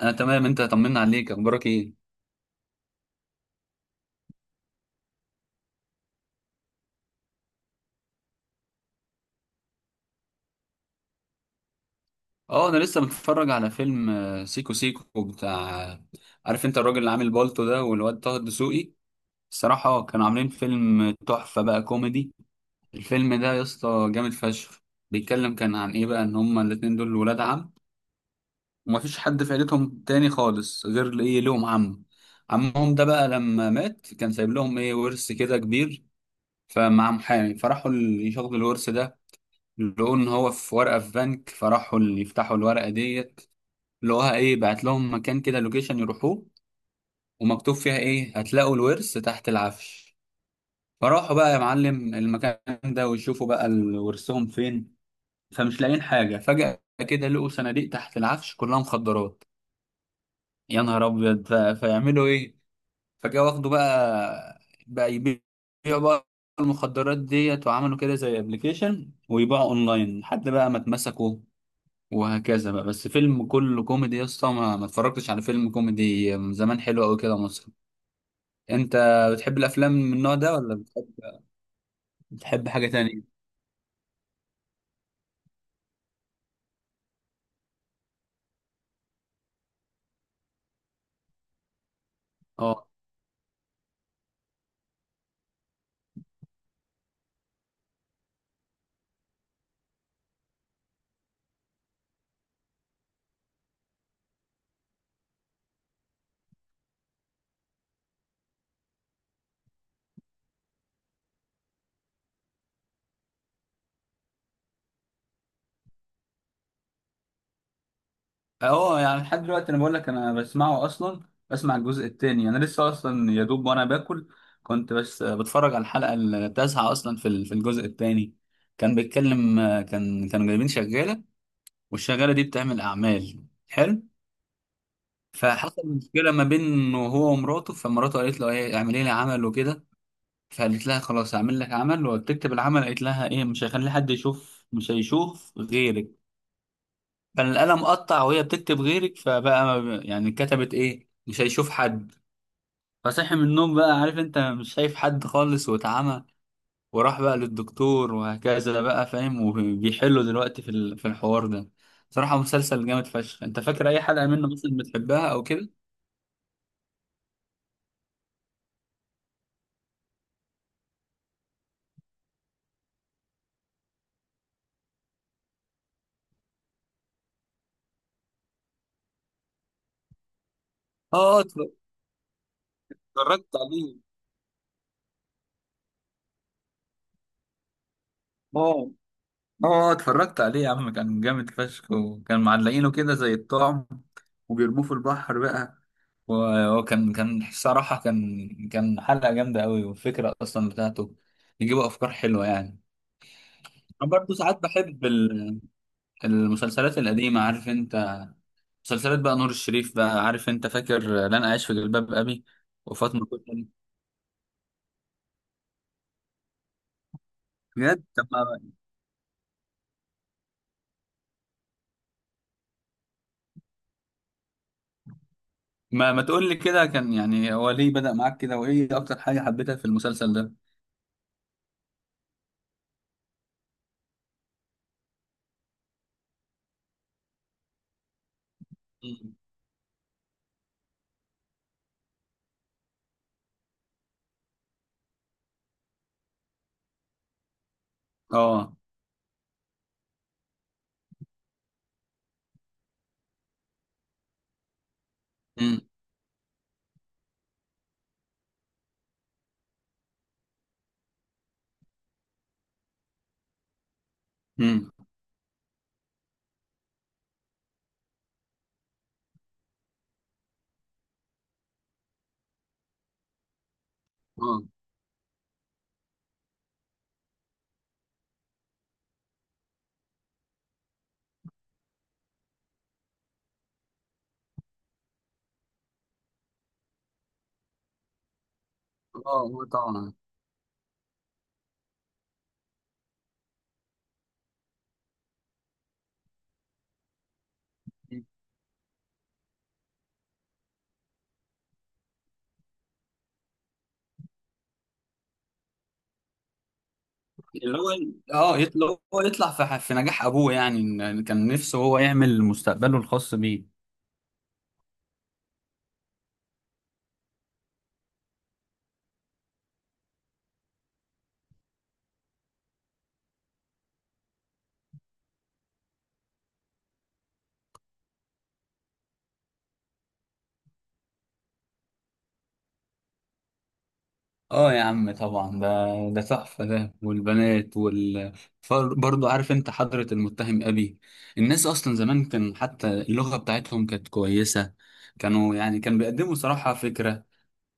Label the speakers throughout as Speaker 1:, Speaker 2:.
Speaker 1: انا تمام. انت طمنا عليك، اخبارك ايه؟ اه، انا لسه متفرج على فيلم سيكو سيكو بتاع. عارف انت الراجل اللي عامل بالطو ده والواد طه الدسوقي. الصراحه كانوا عاملين فيلم تحفه بقى كوميدي. الفيلم ده يا اسطى جامد فشخ. بيتكلم كان عن ايه بقى؟ ان هما الاتنين دول ولاد عم، ومفيش حد في عيلتهم تاني خالص غير ايه، لهم عم. عمهم ده بقى لما مات كان سايب لهم ايه، ورث كده كبير. فمع محامي فراحوا يشغلوا الورث ده. لقوا ان هو في ورقه في بنك، فراحوا اللي يفتحوا الورقه ديت. لقوها ايه، بعت لهم مكان كده، لوكيشن يروحوه، ومكتوب فيها ايه، هتلاقوا الورث تحت العفش. فراحوا بقى يا معلم المكان ده ويشوفوا بقى ورثهم فين. فمش لاقيين حاجه. فجأة كده لقوا صناديق تحت العفش كلها مخدرات. يا نهار ابيض! فيعملوا ايه؟ فجأة واخدوا بقى، بقى يبيعوا بقى المخدرات ديت، وعملوا كده زي ابلكيشن ويبيعوا اونلاين لحد بقى ما اتمسكوا. وهكذا بقى. بس فيلم كله كوميدي يا اسطى، ما اتفرجتش على فيلم كوميدي من زمان حلو قوي كده مصري. انت بتحب الافلام من النوع ده ولا بتحب؟ بتحب حاجه تانية؟ اه. اه، يعني لحد دلوقتي انا بقول لك انا بسمعه اصلا. بسمع الجزء التاني، انا لسه اصلا يا دوب وانا باكل كنت بس بتفرج على الحلقه التاسعه اصلا في في الجزء التاني. كان بيتكلم، كانوا جايبين شغاله، والشغاله دي بتعمل اعمال حلو. فحصل مشكله ما بينه هو ومراته، فمراته قالت له ايه، اعملي لي عمل وكده. فقالت لها خلاص هعمل لك عمل، وبتكتب العمل قالت لها ايه، مش هيخلي حد يشوف، مش هيشوف غيرك. فالقلم قطع وهي بتكتب غيرك، فبقى ما ب- يعني كتبت ايه، مش هيشوف حد. فصحي من النوم بقى، عارف انت، مش شايف حد خالص واتعمى. وراح بقى للدكتور وهكذا بقى، فاهم، وبيحلوا دلوقتي في في الحوار ده. صراحة مسلسل جامد فشخ. انت فاكر اي حلقة منه مثلا بتحبها او كده؟ اه، اتفرجت عليه. اه، اه، اتفرجت عليه يا عم، كان جامد فشخ. وكان معلقينه كده زي الطعم وبيرموه في البحر بقى. وكان صراحة كان حلقة جامدة قوي، والفكرة أصلا بتاعته بيجيبوا أفكار حلوة يعني. أنا برضه ساعات بحب المسلسلات القديمة، عارف أنت؟ مسلسلات بقى نور الشريف بقى، عارف أنت فاكر؟ لن أعيش في جلباب أبي، وفاطمة، كلها بجد. طب ما تقول لي كده كان يعني هو ليه بدأ معاك كده، وإيه أكتر حاجة حبيتها في المسلسل ده؟ مم. اه. امم اه، اه، هو طبعا اللي هو. اه، اللي هو يطلع في في نجاح ابوه يعني، إن كان نفسه هو يعمل مستقبله الخاص بيه. اه يا عم طبعا ده، ده تحفه ده، والبنات برضه عارف انت حضرة المتهم ابي. الناس اصلا زمان كان حتى اللغه بتاعتهم كانت كويسه، كانوا يعني كان بيقدموا صراحه فكره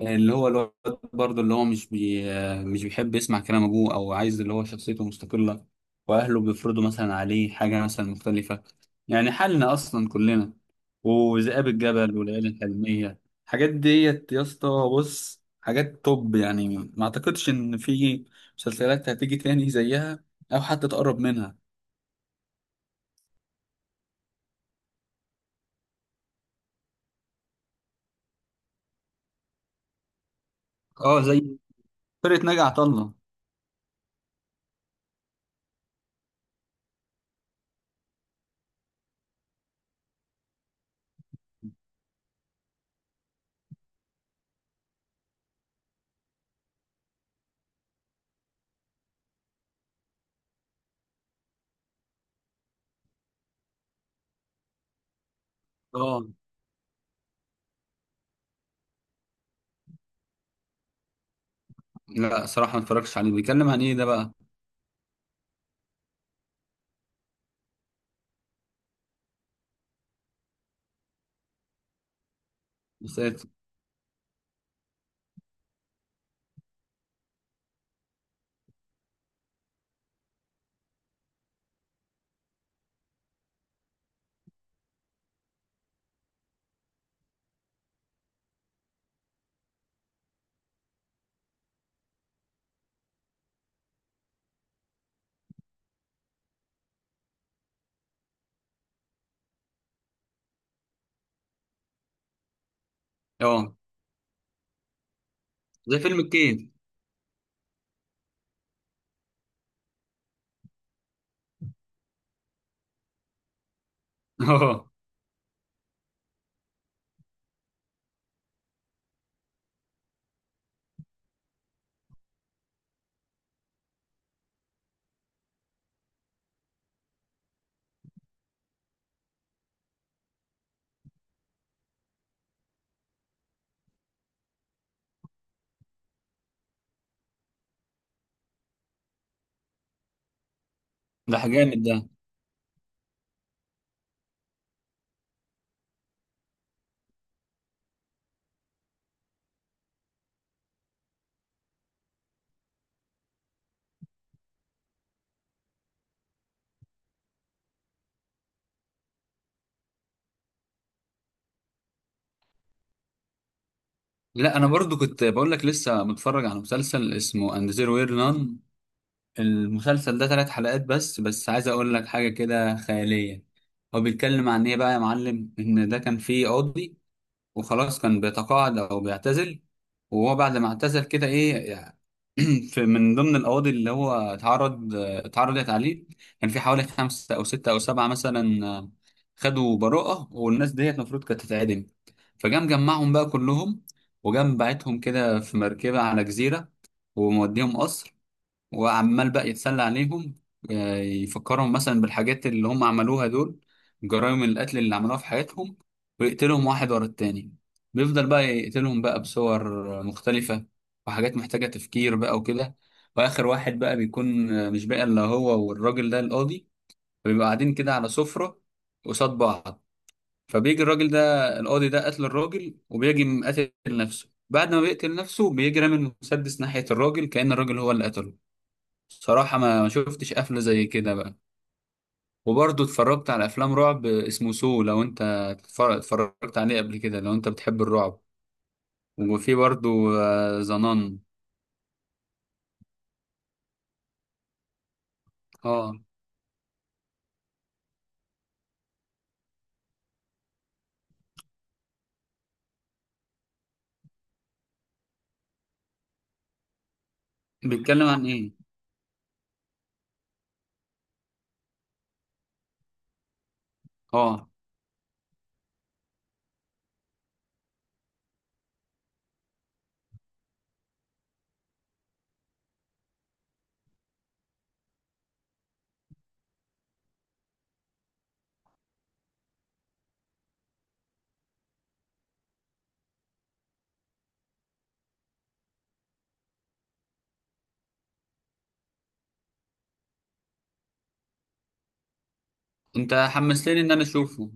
Speaker 1: اللي هو الواد، برضه اللي هو مش بيحب يسمع كلام ابوه او عايز اللي هو شخصيته مستقلة، واهله بيفرضوا مثلا عليه حاجة مثلا مختلفة. يعني حالنا اصلا كلنا. وذئاب الجبل والليالي الحلمية، الحاجات ديت يا اسطى، بص حاجات توب يعني. ما اعتقدش ان في مسلسلات هتيجي تاني زيها او حتى تقرب منها. اه، زي فرقة ناجي عطا الله. اه، لا صراحة ما اتفرجتش عليه. بيتكلم عن ايه ده بقى؟ مسلسل. اه، زي فيلم الكيد. اه. ده جامد ده. لا انا برضو كنت بقول لك لسه متفرج على مسلسل اسمه اند زيرو وير نان. المسلسل ده ثلاث حلقات بس، بس عايز اقول لك حاجه كده خياليه. هو بيتكلم عن ايه بقى يا معلم؟ ان ده كان فيه قاضي، وخلاص كان بيتقاعد او بيعتزل. وهو بعد ما اعتزل كده ايه يعني، في من ضمن القواضي اللي هو اتعرضت عليه، كان في حوالي خمسة او ستة او سبعة مثلا، خدوا براءة والناس ديت المفروض كانت تتعدم. فجام جمعهم بقى كلهم، وجام بعتهم كده في مركبة على جزيرة، وموديهم قصر، وعمال بقى يتسلى عليهم، يفكرهم مثلا بالحاجات اللي هم عملوها دول، جرائم القتل اللي عملوها في حياتهم، ويقتلهم واحد ورا التاني. بيفضل بقى يقتلهم بقى بصور مختلفة، وحاجات محتاجة تفكير بقى وكده. وآخر واحد بقى بيكون، مش بقى إلا هو والراجل ده القاضي. فبيبقى قاعدين كده على سفرة قصاد بعض، فبيجي الراجل ده القاضي ده قتل الراجل، وبيجي مقتل نفسه. بعد ما بيقتل نفسه بيجي رامي المسدس ناحية الراجل كأن الراجل هو اللي قتله. صراحة ما شفتش قفلة زي كده بقى. وبرضه اتفرجت على أفلام رعب اسمه سو لو، أنت اتفرجت عليه قبل كده لو أنت بتحب الرعب؟ وفي برضه زنان. اه، بيتكلم عن إيه؟ اه، أنت حمستني إن أنا أشوفه.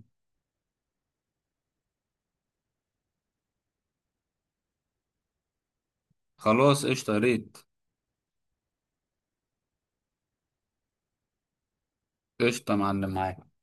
Speaker 1: خلاص قشطة يا ريت. قشطة يا معلم، معاك.